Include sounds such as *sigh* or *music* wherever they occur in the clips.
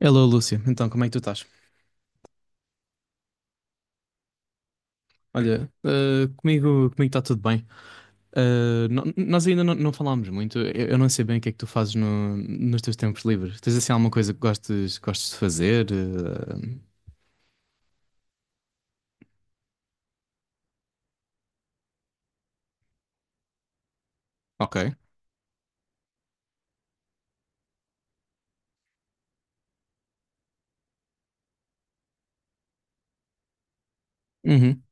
Hello, Lúcia. Então, como é que tu estás? Olha, comigo está tudo bem. Nós ainda não falámos muito. Eu não sei bem o que é que tu fazes nos teus tempos livres. Tens assim alguma coisa que gostes de fazer? Ok. Uhum.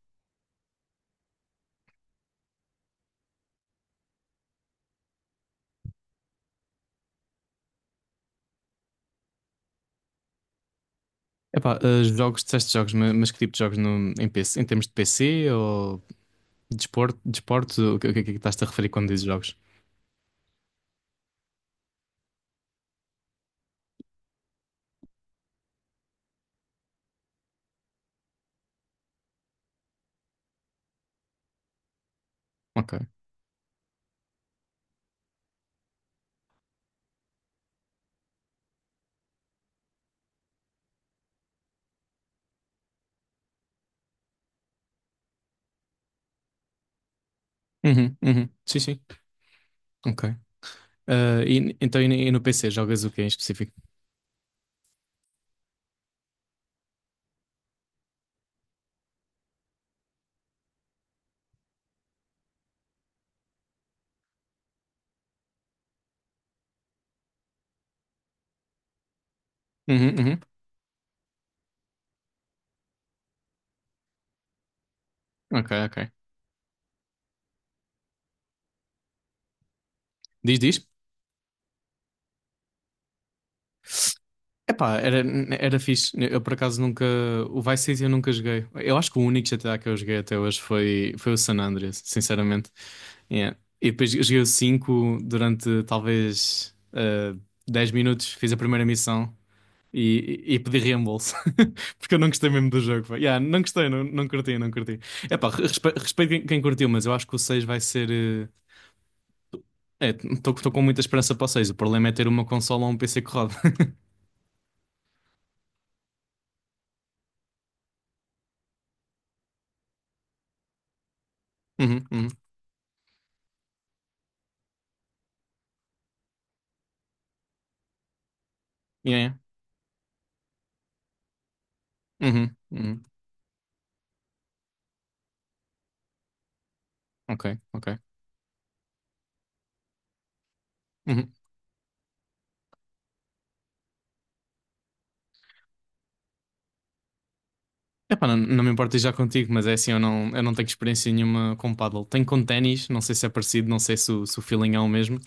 Epá, jogos, disseste jogos, mas que tipo de jogos no, em PC, em termos de PC ou desporto, o que é que estás-te a referir quando dizes jogos? Ok. Uhum, uhum. Sim, sim. Ok. Então, e no PC, jogas o que em específico? Uhum, uhum. Ok, ok. Diz, diz. Epá, era fixe. Eu por acaso nunca. O Vice City eu nunca joguei. Eu acho que o único GTA que eu joguei até hoje foi o San Andreas, sinceramente. Yeah. E depois eu joguei o 5 durante talvez 10 minutos, fiz a primeira missão e pedi reembolso. *laughs* Porque eu não gostei mesmo do jogo, pá. Yeah, não gostei, não, não curti, não curti. Epá, respeito quem curtiu, mas eu acho que o 6 vai ser. Estou com muita esperança para o 6. O problema é ter uma consola ou um PC que roda. *laughs* Uhum, uhum. Yeah, yeah. Uhum, uhum. Ok, ok. Uhum. Epá, não, não me importo já contigo, mas é assim, eu não tenho experiência nenhuma com paddle. Tenho com ténis, não sei se é parecido, não sei se o feeling é o mesmo.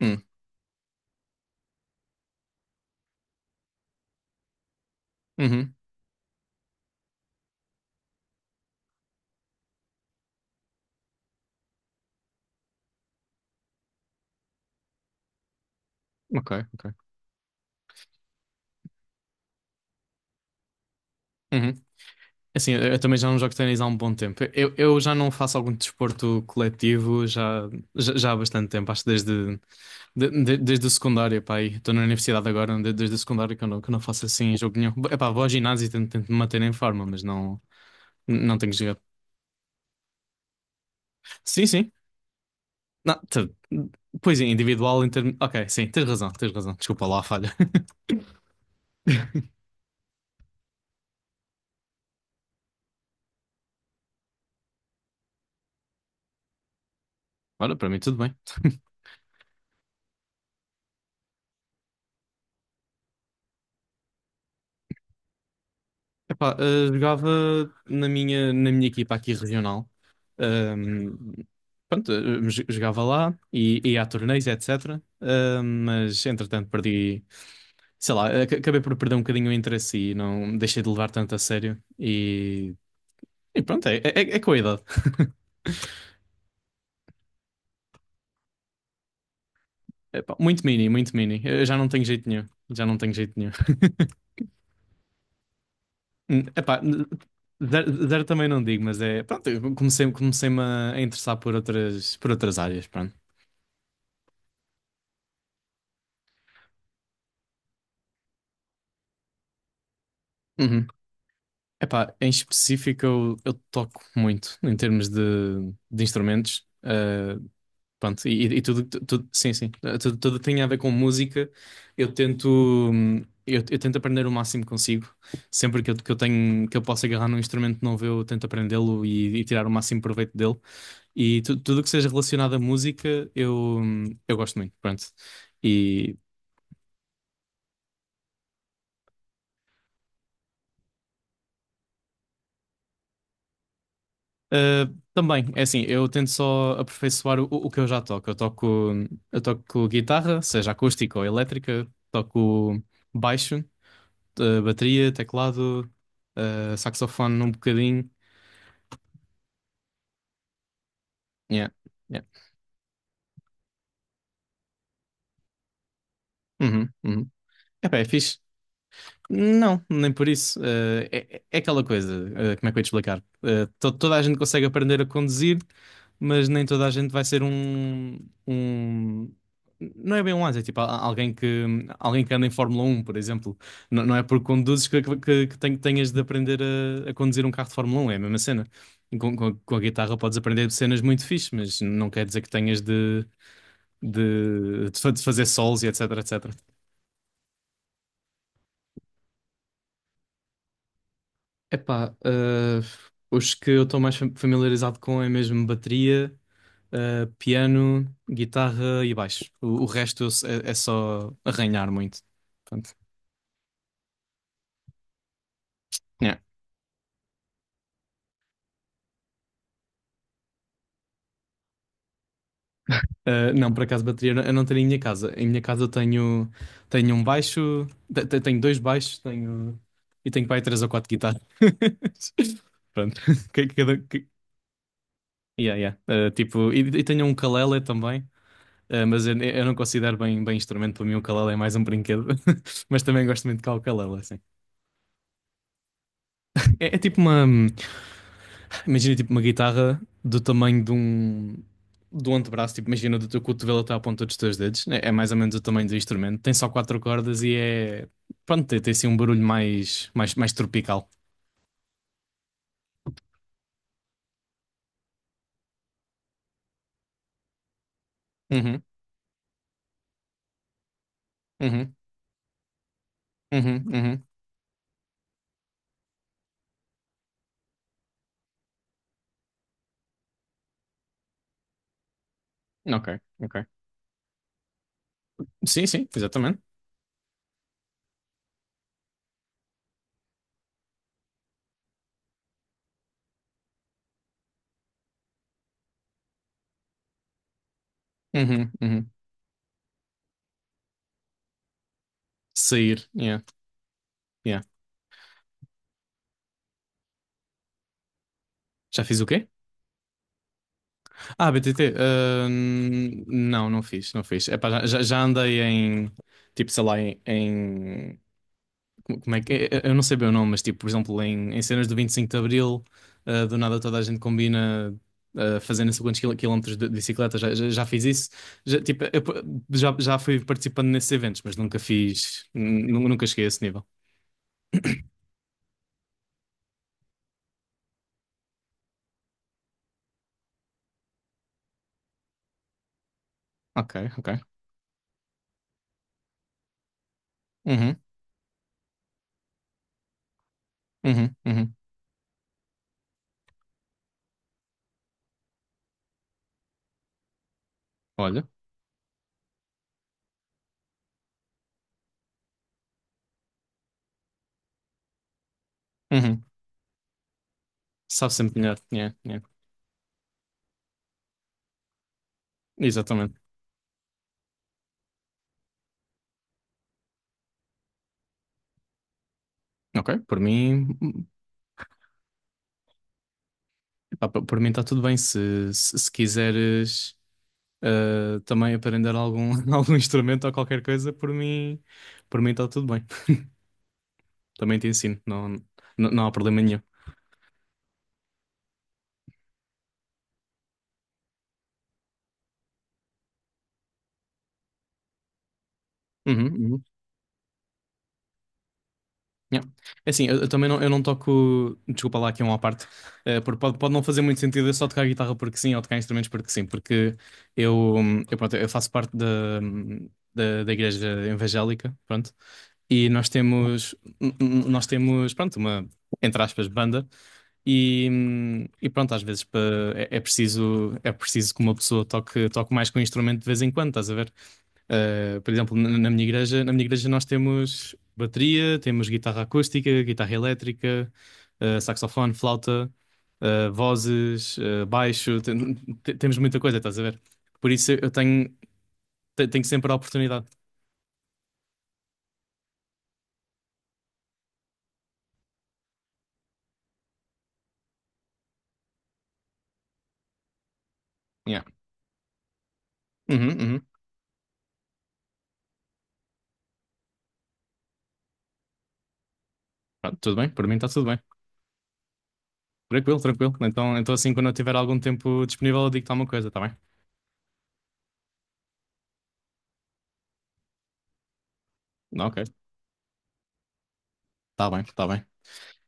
Hum, Uhum. Ok, ok. Uhum. É assim, eu também já não jogo ténis há um bom tempo. Eu já não faço algum desporto coletivo já há bastante tempo, acho que desde o secundário, pá, aí. Estou na universidade agora, desde o secundário que eu não faço assim jogo nenhum. Epá, vou ao ginásio e tento me manter em forma, mas não tenho jogado. Sim, sim. Não, pois é, individual em termos. Ok, sim, tens razão, tens razão. Desculpa lá a falha. *laughs* Ora, para mim tudo bem. Epá, jogava na minha equipa aqui regional. Ahm, Pronto, jogava lá e ia a torneios, etc. Mas entretanto perdi, sei lá, acabei por perder um bocadinho o interesse e não deixei de levar tanto a sério. E pronto, é com a idade. *laughs* Epá, muito mini, muito mini. Eu já não tenho jeito nenhum. Já não tenho jeito nenhum. Epá, zero, zero também não digo, mas é. Pronto, eu comecei-me a interessar por outras áreas, pronto. Uhum. Epá, em específico eu toco muito em termos de instrumentos. Pronto, e tudo, sim, sim, tudo que tem a ver com música. Eu tento, hum, eu tento aprender o máximo que consigo. Sempre que eu posso agarrar num instrumento novo, eu tento aprendê-lo e tirar o máximo proveito dele. E tudo o que seja relacionado à música, eu gosto muito, pronto. E também, é assim, eu tento só aperfeiçoar o que eu já toco. Eu toco guitarra, seja acústica ou elétrica, toco baixo, bateria, teclado, saxofone um bocadinho. Yeah, yeah. Uhum, uhum. Epá, é fixe. Não, nem por isso. É aquela coisa, como é que eu ia te explicar? Toda a gente consegue aprender a conduzir, mas nem toda a gente vai ser um. Não é bem um asa, é tipo alguém que anda em Fórmula 1, por exemplo. Não, não é porque conduzes que tenhas de aprender a conduzir um carro de Fórmula 1, é a mesma cena. Com a guitarra podes aprender cenas muito fixe, mas não quer dizer que tenhas de fazer solos e etc, etc. Epá, os que eu estou mais familiarizado com é mesmo bateria, piano, guitarra e baixo. O resto eu se- é só arranhar muito. Portanto, yeah. Ah, não, por acaso bateria eu não tenho em minha casa. Em minha casa eu tenho um baixo, tenho dois baixos, tenho para aí três ou quatro guitarras. *laughs* Pronto. *laughs* Que- Cada, que- yeah, yeah. Ah, tipo, e tenho um ukulele também. Ah, mas eu não considero bem instrumento, para mim o ukulele é mais um brinquedo, *laughs* mas também gosto muito de tocar o ukulele, assim. É tipo imagina tipo uma guitarra do tamanho do antebraço, tipo imagina do teu cotovelo até à ponta dos teus dedos, é mais ou menos o tamanho do instrumento, tem só quatro cordas e é, pronto, tem assim um barulho mais tropical. Uhum, uhum, uhum, uhum, ok, ok. Sim, sim, exatamente. Uhum, uhum. Sair, yeah, yeah. Já fiz o quê? Ah, BTT, não, não fiz, não fiz. Epá, já andei tipo, sei lá, como é que é? Eu não sei bem o nome, mas tipo, por exemplo, em cenas do 25 de Abril, do nada toda a gente combina fazer não sei quantos quilómetros de bicicleta, já, já, já fiz isso. Já, tipo, já fui participando nesses eventos, mas nunca fiz, nu- nunca cheguei a esse nível. Ok, ok. Uhum, uhum, uhum. Olha, uhum. Sabe sempre melhor, yeah, yeah. Exatamente. Ok, por mim. Ah, por mim está tudo bem. Se quiseres também aprender *laughs* algum instrumento ou qualquer coisa, por mim está tudo bem. *laughs* Também te ensino, não, não, não há problema nenhum. Uhum, uhum. Yeah. É assim, eu também não, eu não toco. Desculpa lá, aqui é uma à parte. Porque pode não fazer muito sentido eu só tocar guitarra porque sim ou tocar instrumentos porque sim, porque eu faço parte hum, da igreja evangélica, pronto, e nós temos, pronto, uma, entre aspas, banda. E pronto, às vezes é preciso que uma pessoa toque mais com o instrumento de vez em quando, estás a ver? Por exemplo, na minha igreja nós temos bateria, temos guitarra acústica, guitarra elétrica, saxofone, flauta, vozes, baixo, temos muita coisa, estás a ver? Por isso eu tenho sempre a oportunidade. Yeah. Uhum, uhum. Pronto, tudo bem, por mim está tudo bem. Tranquilo, tranquilo. Então assim, quando eu tiver algum tempo disponível, eu digo-te alguma coisa, está bem? Ok. Tá bem, tá bem.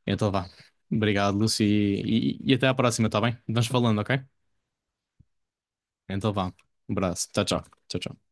Então vá. Obrigado, Lúcio, e até à próxima, tá bem? Vamos falando, ok? Então vá. Um abraço. Tchau, tchau. Tchau, tchau.